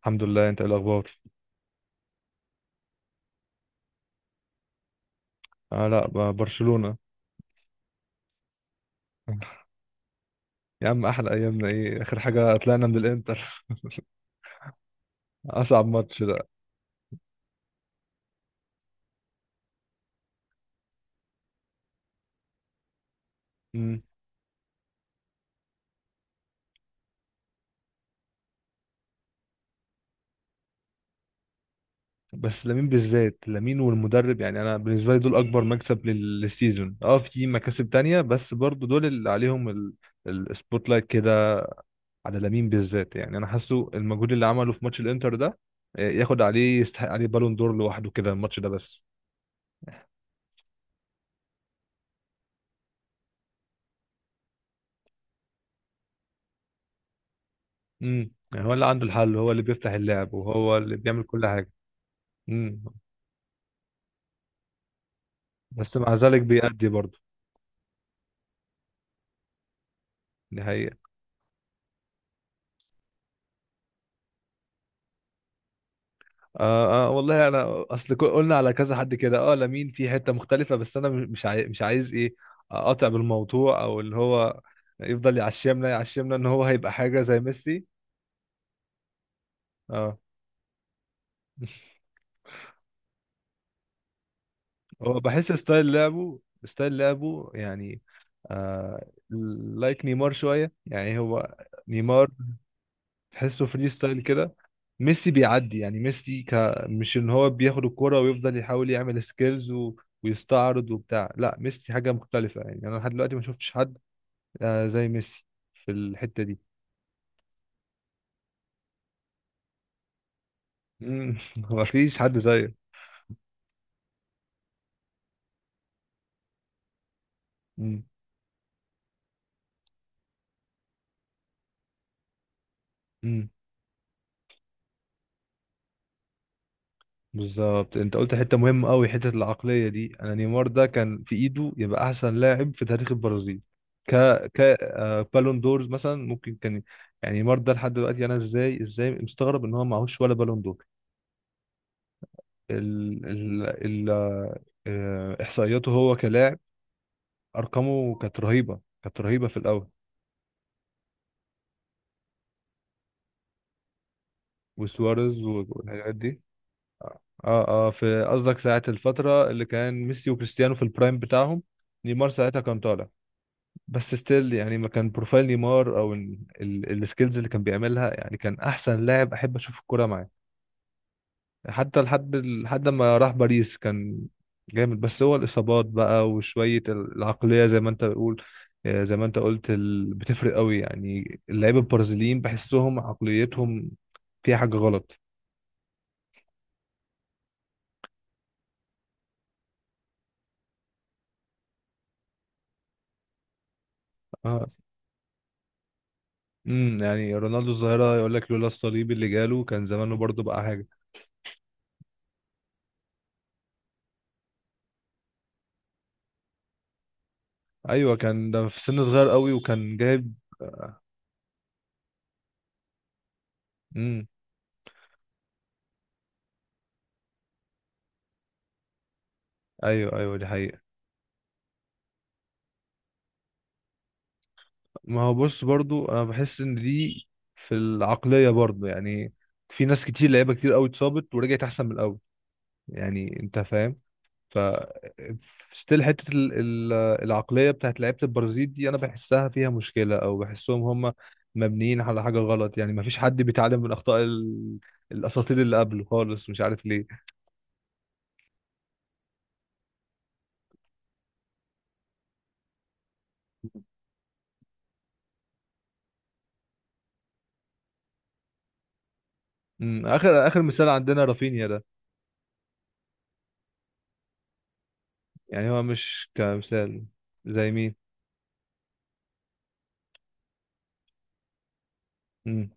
الحمد لله. انت ايه الاخبار؟ آه لا برشلونة. يا عم احلى ايامنا ايه؟ اخر حاجة طلعنا من الانتر. اصعب ماتش ده. مم. بس لامين بالذات، لامين والمدرب، يعني انا بالنسبة لي دول اكبر مكسب للسيزون. اه، في مكاسب تانية بس برضو دول اللي عليهم السبوت لايت كده، على لامين بالذات. يعني انا حاسه المجهود اللي عمله في ماتش الانتر ده، ياخد عليه، يستحق عليه بالون دور لوحده كده الماتش ده بس. يعني هو اللي عنده الحل، هو اللي بيفتح اللعب، وهو اللي بيعمل كل حاجة. مم. بس مع ذلك بيأدي برضه. دي حقيقة. آه, آه والله، انا اصل قلنا على كذا حد كده، لمين في حتة مختلفة، بس انا مش عايز ايه، اقاطع بالموضوع، او اللي هو يفضل يعشمنا يعشمنا ان هو هيبقى حاجة زي ميسي. اه. هو بحس ستايل لعبه، ستايل لعبه يعني، آه لايك نيمار شوية، يعني هو نيمار. تحسه فري ستايل كده. ميسي بيعدي، يعني ميسي مش ان هو بياخد الكرة ويفضل يحاول يعمل سكيلز ويستعرض وبتاع. لا ميسي حاجة مختلفة، يعني انا لحد دلوقتي ما شفتش حد زي ميسي في الحتة دي. مم. ما فيش حد زيه. مم. مم. بالظبط انت قلت حتة مهمة قوي، حتة العقلية دي. انا نيمار ده كان في ايده يبقى احسن لاعب في تاريخ البرازيل، ك ك آه، بالون دورز مثلا ممكن كان. يعني نيمار ده لحد دلوقتي، انا ازاي مستغرب ان هو معهوش ولا بالون دور. ال ال ال آه، احصائياته هو كلاعب، ارقامه كانت رهيبه، كانت رهيبه في الاول. وسواريز والحاجات دي. اه اه، في قصدك ساعه الفتره اللي كان ميسي وكريستيانو في البرايم بتاعهم، نيمار ساعتها كان طالع. بس ستيل يعني، ما كان بروفايل نيمار او السكيلز اللي كان بيعملها، يعني كان احسن لاعب احب اشوف الكوره معاه. حتى لحد ما راح باريس كان جامد. بس هو الإصابات بقى وشوية العقلية زي ما أنت بتقول، زي ما أنت قلت، بتفرق قوي. يعني اللعيبة البرازيليين بحسهم عقليتهم فيها حاجة غلط. آه. يعني رونالدو الظاهرة يقول لك لولا الصليب اللي جاله كان زمانه برضه بقى حاجة. أيوه، كان ده في سن صغير قوي وكان جايب. امم. أيوه أيوه، دي حقيقة. ما هو بص، برضو انا بحس ان دي في العقلية برضو يعني. في ناس كتير، لعيبة كتير قوي اتصابت ورجعت احسن من الاول. يعني انت فاهم؟ ف ستيل حتة العقلية بتاعت لعيبة البرازيل دي، انا بحسها فيها مشكلة، او بحسهم هم مبنيين على حاجة غلط. يعني ما فيش حد بيتعلم من اخطاء الاساطير اللي قبله خالص، مش عارف ليه. مم. اخر مثال عندنا رافينيا ده، يعني هو مش كمثال، زي مين. مم.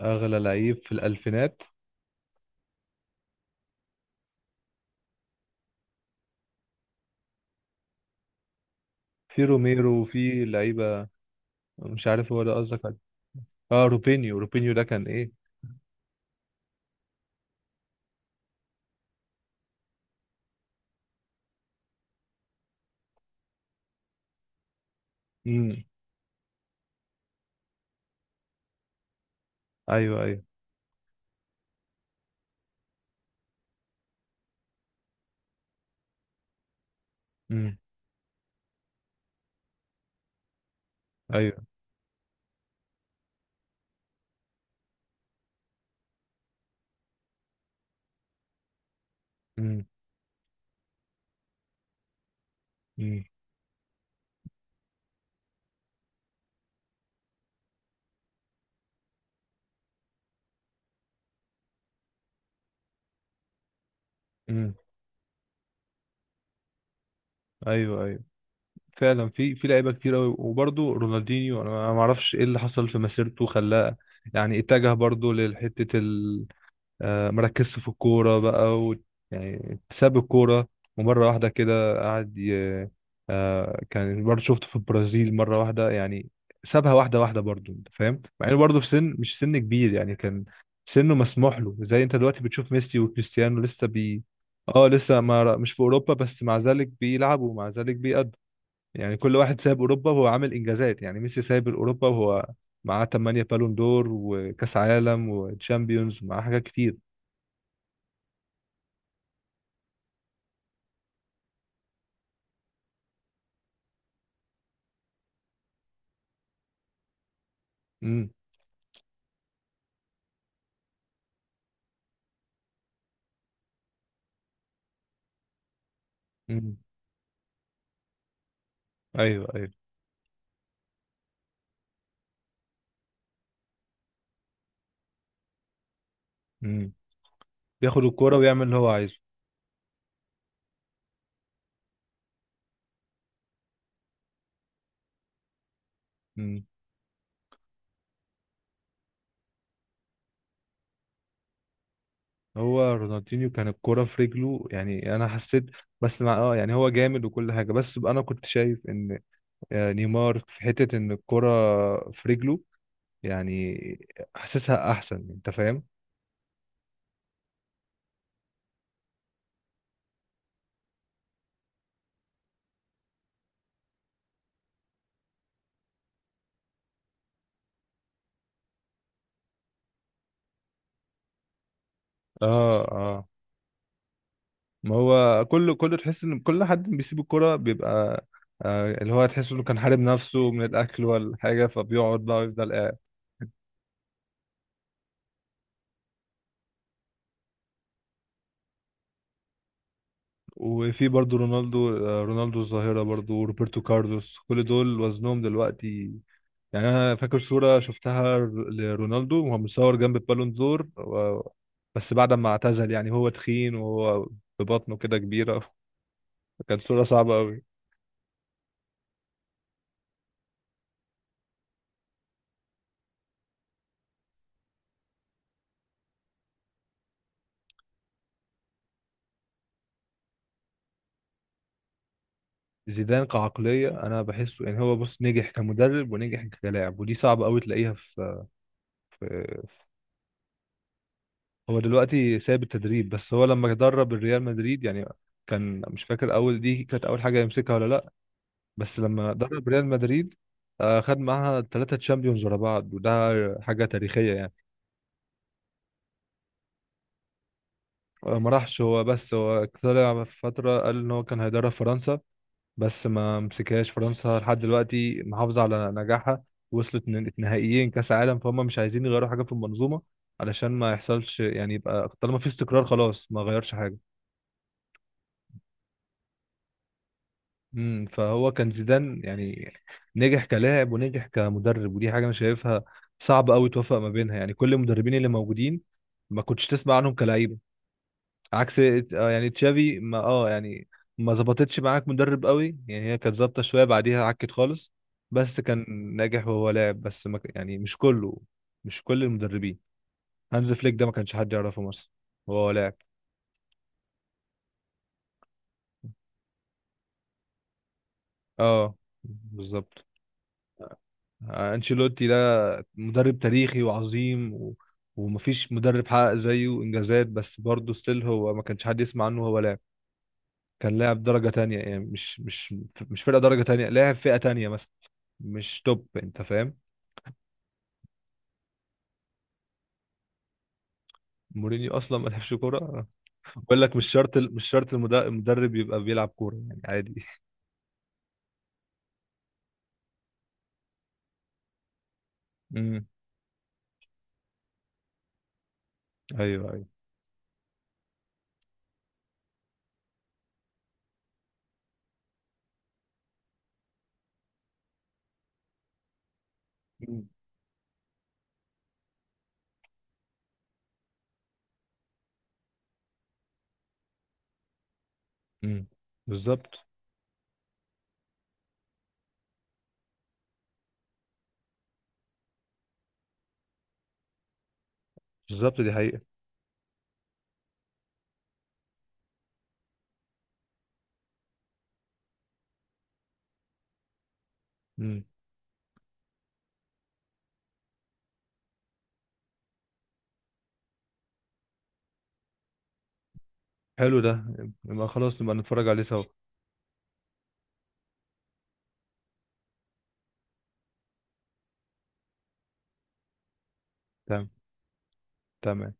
اغلى لعيب في الالفينات، في روميرو وفي لعيبه، مش عارف هو ده قصدك عليه. اه، روبينيو. روبينيو ده كان ايه. امم. ايوه ايوه. امم. ايوه. امم. امم. امم. ايوه ايوه، فعلا في لعيبه كتير قوي. وبرده رونالدينيو انا ما اعرفش ايه اللي حصل في مسيرته خلاه، يعني اتجه برضه لحته، مركزش في الكورة بقى يعني ساب الكورة. ومرة واحدة كده قعد كان برضه شفته في البرازيل مرة واحدة يعني، سابها واحدة واحدة برضه. أنت فاهم؟ مع إنه برضه في سن مش سن كبير يعني، كان سنه مسموح له. زي أنت دلوقتي بتشوف ميسي وكريستيانو لسه بي اه لسه، ما مش في أوروبا، بس مع ذلك بيلعبوا ومع ذلك بيأدوا. يعني كل واحد سايب أوروبا وهو عامل إنجازات، يعني ميسي سايب أوروبا وهو معاه 8 بالون دور وكأس عالم وتشامبيونز ومعاه حاجات كتير. امم. امم. ايوه ايوه. امم. بياخد الكوره ويعمل اللي هو عايزه. امم. هو رونالدينيو كان الكوره في رجله، يعني انا حسيت، بس مع يعني، هو جامد وكل حاجه، بس بقى انا كنت شايف ان نيمار في حته ان الكوره في رجله يعني، حاسسها احسن. انت فاهم؟ اه اه. ما هو كل تحس ان كل حد بيسيب الكوره بيبقى اللي هو، تحس انه كان حارب نفسه من الاكل ولا حاجه، فبيقعد بقى يفضل قاعد. وفي برضو رونالدو، رونالدو الظاهرة برضو، وروبرتو كارلوس، كل دول وزنهم دلوقتي يعني. أنا فاكر صورة شفتها لرونالدو وهو متصور جنب البالون دور بس بعد ما اعتزل، يعني هو تخين وهو ببطنه كده كبيرة. كانت صورة صعبة أوي. زيدان كعقلية أنا بحسه، يعني هو بص، نجح كمدرب ونجح كلاعب، ودي صعبة أوي تلاقيها في. هو دلوقتي سايب التدريب، بس هو لما درب الريال مدريد يعني، كان، مش فاكر أول دي كانت أول حاجة يمسكها ولا لأ. بس لما درب ريال مدريد، خد معاها ثلاثة تشامبيونز ورا بعض، وده حاجة تاريخية يعني. ما راحش هو، بس هو طلع في فترة قال إن هو كان هيدرب فرنسا، بس ما مسكهاش. فرنسا لحد دلوقتي محافظة على نجاحها، وصلت نهائيين كأس عالم، فهم مش عايزين يغيروا حاجة في المنظومة علشان ما يحصلش. يعني يبقى طالما في استقرار، خلاص ما غيرش حاجة. فهو كان زيدان يعني، نجح كلاعب ونجح كمدرب، ودي حاجه انا شايفها صعب قوي توفق ما بينها. يعني كل المدربين اللي موجودين، ما كنتش تسمع عنهم كلاعيبه، عكس. يعني تشافي، ما اه يعني ما ظبطتش معاك مدرب قوي يعني، هي كانت ظابطه شويه بعديها عكت خالص. بس كان ناجح وهو لاعب. بس ما ك- يعني مش كله، مش كل المدربين. هانز فليك ده، ما كانش حد يعرفه مثلا وهو لاعب. اه، بالظبط. آه، انشيلوتي ده مدرب تاريخي وعظيم، و... ومفيش مدرب حقق زيه انجازات. بس برضه ستيل هو ما كانش حد يسمع عنه هو لاعب، كان لاعب درجة تانية يعني، مش فرقة درجة تانية، لاعب فئة تانية مثلا، مش توب. انت فاهم؟ مورينيو اصلا ما لعبش كورة. بقول لك مش شرط مش شرط المدرب يبقى بيلعب كورة يعني، عادي. امم. ايوه ايوه. امم. بالظبط. بالظبط، دي حقيقة. امم. حلو ده، يبقى خلاص نبقى نتفرج عليه سوا. تمام. تمام.